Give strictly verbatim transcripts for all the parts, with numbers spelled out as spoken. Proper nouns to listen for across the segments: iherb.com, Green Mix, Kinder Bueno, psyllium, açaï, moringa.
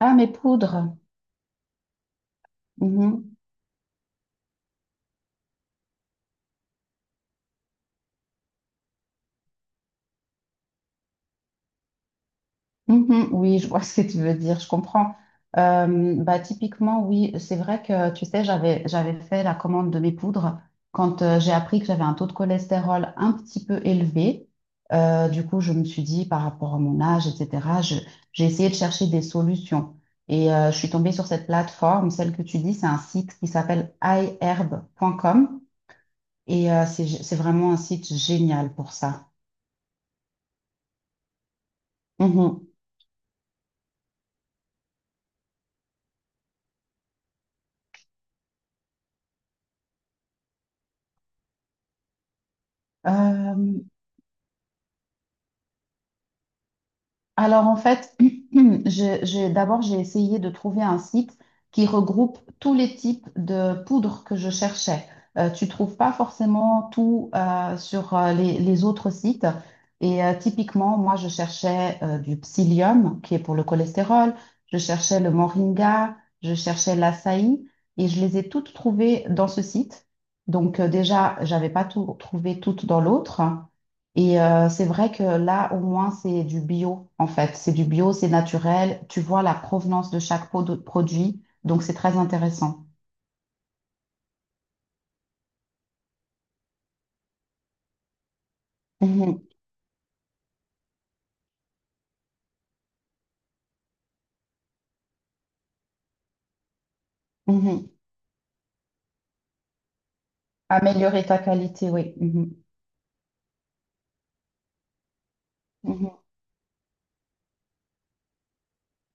Ah, mes poudres. Mhm. Mhm. Oui, je vois ce que tu veux dire, je comprends. Euh, bah, typiquement, oui, c'est vrai que, tu sais, j'avais, j'avais fait la commande de mes poudres quand euh, j'ai appris que j'avais un taux de cholestérol un petit peu élevé. Euh, du coup, je me suis dit, par rapport à mon âge, et cetera, je- j'ai essayé de chercher des solutions. Et euh, je suis tombée sur cette plateforme, celle que tu dis, c'est un site qui s'appelle iherb point com. Et euh, c'est, c'est vraiment un site génial pour ça. Mhm. Euh, Alors en fait, je- je- d'abord j'ai essayé de trouver un site qui regroupe tous les types de poudres que je cherchais. Euh, tu trouves pas forcément tout euh, sur euh, les, les autres sites. Et euh, typiquement, moi je cherchais euh, du psyllium qui est pour le cholestérol, je cherchais le moringa, je cherchais l'açaï et je les ai toutes trouvées dans ce site. Donc euh, déjà, j'avais pas tout trouvé toutes dans l'autre. Et euh, c'est vrai que là, au moins, c'est du bio, en fait. C'est du bio, c'est naturel. Tu vois la provenance de chaque pot de produit. Donc, c'est très intéressant. Mhm, mhm. Améliorer ta qualité, oui. Mhm, mhm,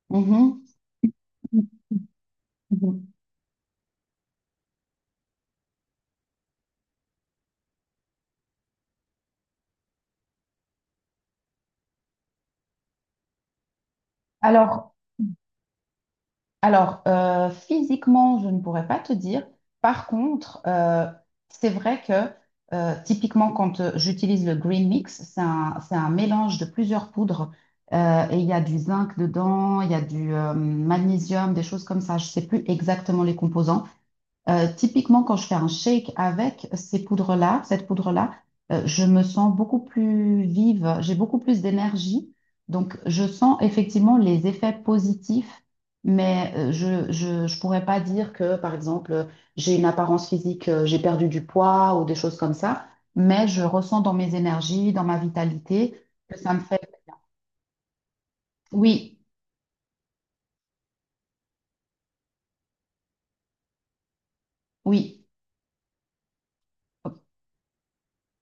mhm, mhm. Alors, Alors, euh, physiquement, je ne pourrais pas te dire. Par contre, euh, c'est vrai que euh, typiquement, quand euh, j'utilise le Green Mix, c'est un, c'est un mélange de plusieurs poudres euh, et il y a du zinc dedans, il y a du euh, magnésium, des choses comme ça. Je ne sais plus exactement les composants. Euh, typiquement, quand je fais un shake avec ces poudres-là, cette poudre-là, euh, je me sens beaucoup plus vive, j'ai beaucoup plus d'énergie. Donc, je sens effectivement les effets positifs, mais euh, je, je, je pourrais pas dire que, par exemple, euh, j'ai une apparence physique, euh, j'ai perdu du poids ou des choses comme ça, mais je ressens dans mes énergies, dans ma vitalité, que ça me fait... Oui, oui,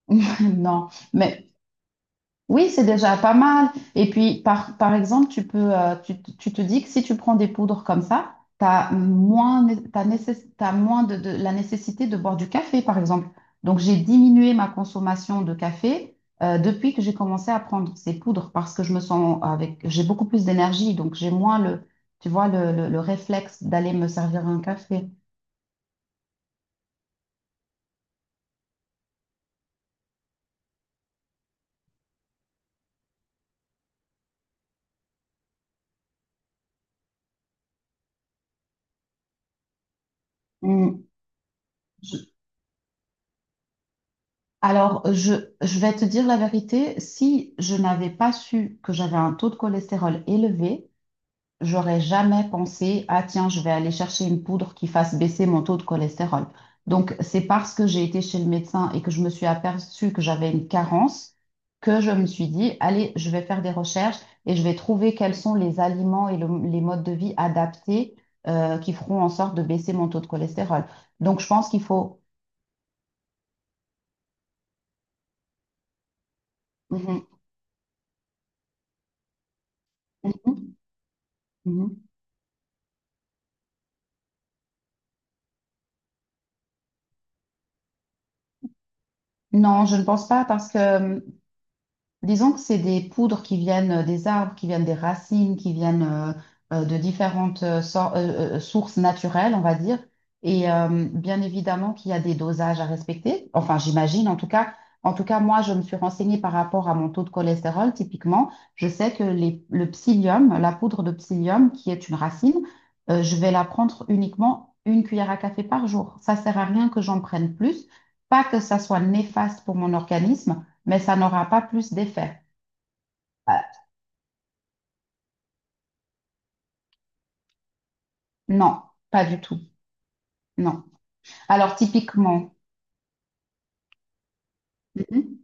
non. Mais oui, c'est déjà pas mal. Et puis, par, par exemple, tu peux, euh, tu, tu te dis que si tu prends des poudres comme ça, tu as moins, né- t'as nécess- t'as moins de, de- la nécessité de boire du café, par exemple. Donc, j'ai diminué ma consommation de café euh, depuis que j'ai commencé à prendre ces poudres parce que je me sens avec, j'ai beaucoup plus d'énergie, donc j'ai moins le, tu vois, le, le- le réflexe d'aller me servir un café. Mm. Alors, je, je vais te dire la vérité, si je n'avais pas su que j'avais un taux de cholestérol élevé, j'aurais jamais pensé, ah tiens, je vais aller chercher une poudre qui fasse baisser mon taux de cholestérol. Donc, c'est parce que j'ai été chez le médecin et que je me suis aperçue que j'avais une carence que je me suis dit, allez, je vais faire des recherches et je vais trouver quels sont les aliments et le- les modes de vie adaptés euh, qui feront en sorte de baisser mon taux de cholestérol. Donc, je pense qu'il faut... Mhm. Mhm. Mhm. Non, je ne pense pas parce que euh, disons que c'est des poudres qui viennent euh, des arbres, qui viennent des racines, qui viennent euh, euh, de différentes euh, sor- euh, euh, euh, sources naturelles, on va dire. Et euh, bien évidemment qu'il y a des dosages à respecter. Enfin, j'imagine en tout cas. En tout cas, moi, je me suis renseignée par rapport à mon taux de cholestérol. Typiquement, je sais que les- le psyllium, la poudre de psyllium, qui est une racine, euh, je vais la prendre uniquement une cuillère à café par jour. Ça sert à rien que j'en prenne plus. Pas que ça soit néfaste pour mon organisme mais ça n'aura pas plus d'effet. Euh, non, pas du tout. Non. Alors, typiquement. Mhm,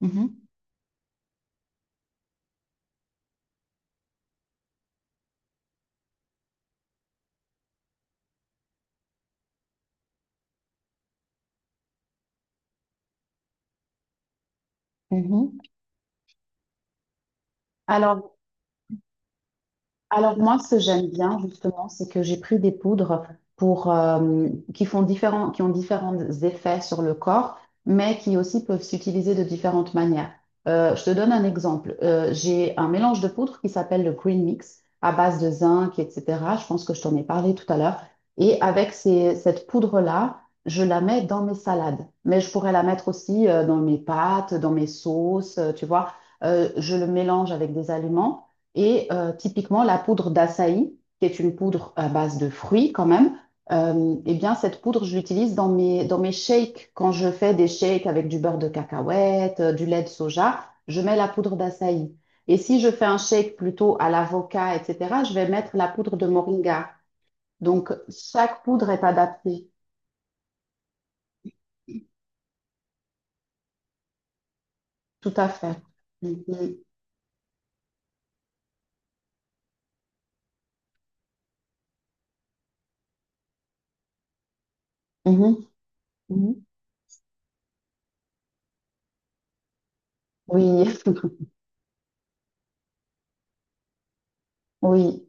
mhm, mhm. Alors, Alors moi, ce que j'aime bien justement, c'est que j'ai pris des poudres pour, euh, qui font différents, qui ont différents effets sur le corps, mais qui aussi peuvent s'utiliser de différentes manières. Euh, je te donne un exemple. Euh, j'ai un mélange de poudres qui s'appelle le Green Mix à base de zinc, et cetera. Je pense que je t'en ai parlé tout à l'heure. Et avec ces- cette poudre-là, je la mets dans mes salades, mais je pourrais la mettre aussi euh, dans mes pâtes, dans mes sauces, euh, tu vois. Euh, je le mélange avec des aliments. Et euh, typiquement, la poudre d'açaï, qui est une poudre à base de fruits quand même, euh, eh bien, cette poudre, je l'utilise dans mes, dans mes shakes. Quand je fais des shakes avec du beurre de cacahuète, euh, du lait de soja, je mets la poudre d'açaï. Et si je fais un shake plutôt à l'avocat, et cetera, je vais mettre la poudre de moringa. Donc, chaque poudre est adaptée. Tout à fait. Mhm. Mhm. Mhm. Oui, oui.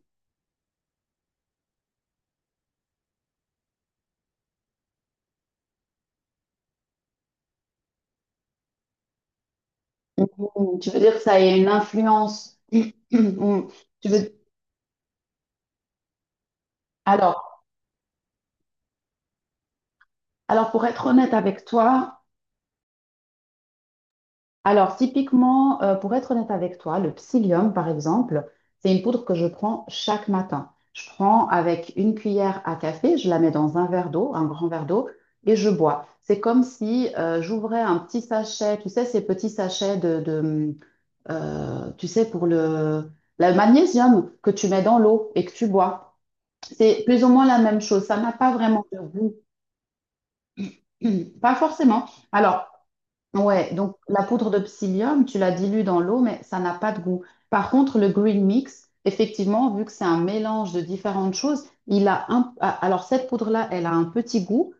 Mhm. Tu veux dire que ça a une influence. Mhm. Tu veux Alors, alors pour être honnête avec toi, alors typiquement, euh, pour être honnête avec toi, le psyllium, par exemple, c'est une poudre que je prends chaque matin. Je prends avec une cuillère à café, je la mets dans un verre d'eau, un grand verre d'eau, et je bois. C'est comme si euh, j'ouvrais un petit sachet, tu sais, ces petits sachets de, de, euh, tu sais, pour le, le magnésium que tu mets dans l'eau et que tu bois. C'est plus ou moins la même chose. Ça n'a pas vraiment de goût. Pas forcément. Alors, ouais, donc la poudre de psyllium, tu la dilues dans l'eau, mais ça n'a pas de goût. Par contre, le green mix, effectivement, vu que c'est un mélange de différentes choses, il a un... ah, alors cette poudre-là, elle a un petit goût.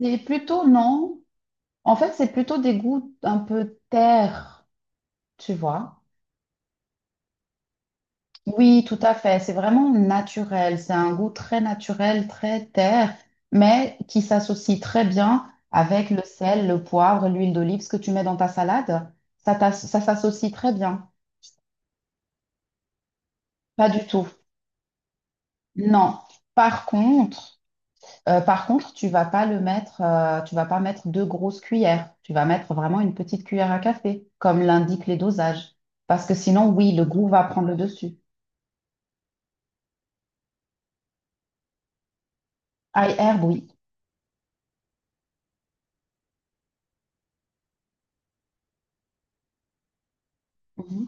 C'est plutôt non. En fait, c'est plutôt des goûts un peu terre, tu vois. Oui, tout à fait. C'est vraiment naturel. C'est un goût très naturel, très terre, mais qui s'associe très bien avec le sel, le poivre, l'huile d'olive, ce que tu mets dans ta salade. Ça, t'as- ça s'associe très bien. Pas du tout. Non. Par contre, euh, par contre, tu vas pas le mettre, euh, tu vas pas mettre deux grosses cuillères. Tu vas mettre vraiment une petite cuillère à café, comme l'indiquent les dosages. Parce que sinon, oui, le goût va prendre le dessus. Ail herbe, oui. Mhm.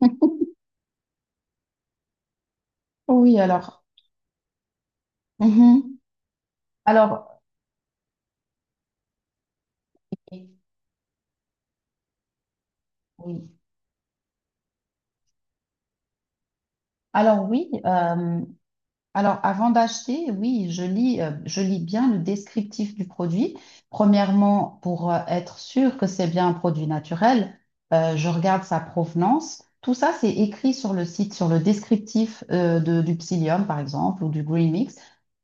Oui, alors. Mhm. Alors, oui. Oui. Alors oui, euh, alors avant d'acheter, oui, je lis, euh, je lis bien le descriptif du produit. Premièrement, pour euh, être sûr que c'est bien un produit naturel, euh, je regarde sa provenance. Tout ça, c'est écrit sur le site, sur le descriptif euh, de- du Psyllium, par exemple, ou du Green Mix.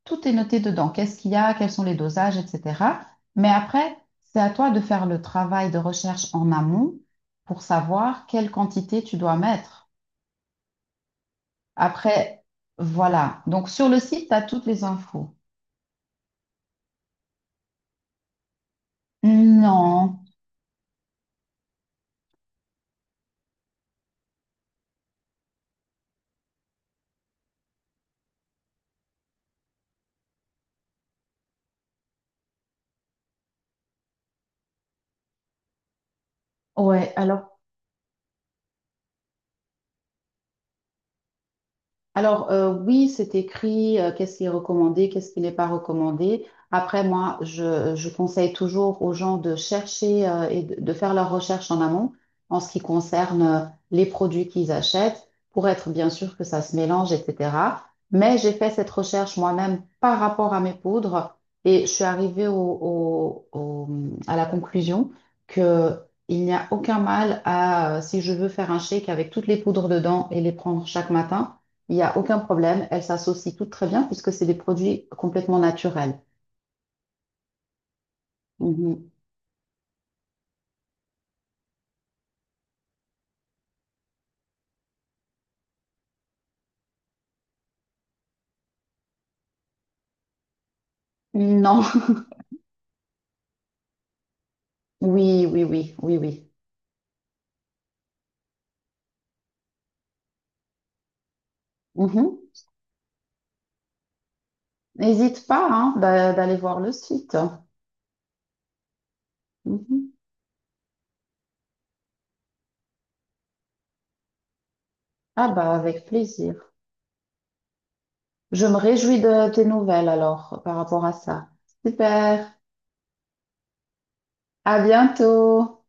Tout est noté dedans. Qu'est-ce qu'il y a, quels sont les dosages, et cetera. Mais après, c'est à toi de faire le travail de recherche en amont pour savoir quelle quantité tu dois mettre. Après, voilà. Donc, sur le site, tu as toutes les infos. Non. Ouais, alors Alors, euh, oui, c'est écrit, euh, qu'est-ce qui est recommandé, qu'est-ce qui n'est pas recommandé. Après, moi, je, je conseille toujours aux gens de chercher, euh, et de, de faire leurs recherches en amont en ce qui concerne, euh, les produits qu'ils achètent pour être bien sûr que ça se mélange, et cetera. Mais j'ai fait cette recherche moi-même par rapport à mes poudres et je suis arrivée au, au- au- à la conclusion que il n'y a aucun mal à, euh, si je veux faire un shake avec toutes les poudres dedans et les prendre chaque matin il n'y a aucun problème. Elles s'associent toutes très bien puisque c'est des produits complètement naturels. Mhm. Non. Oui, oui, oui, oui, oui. Mhm. N'hésite pas hein, d'a- d'aller voir le site. Mhm. Ah bah avec plaisir. Je me réjouis de tes nouvelles alors par rapport à ça. Super. À bientôt.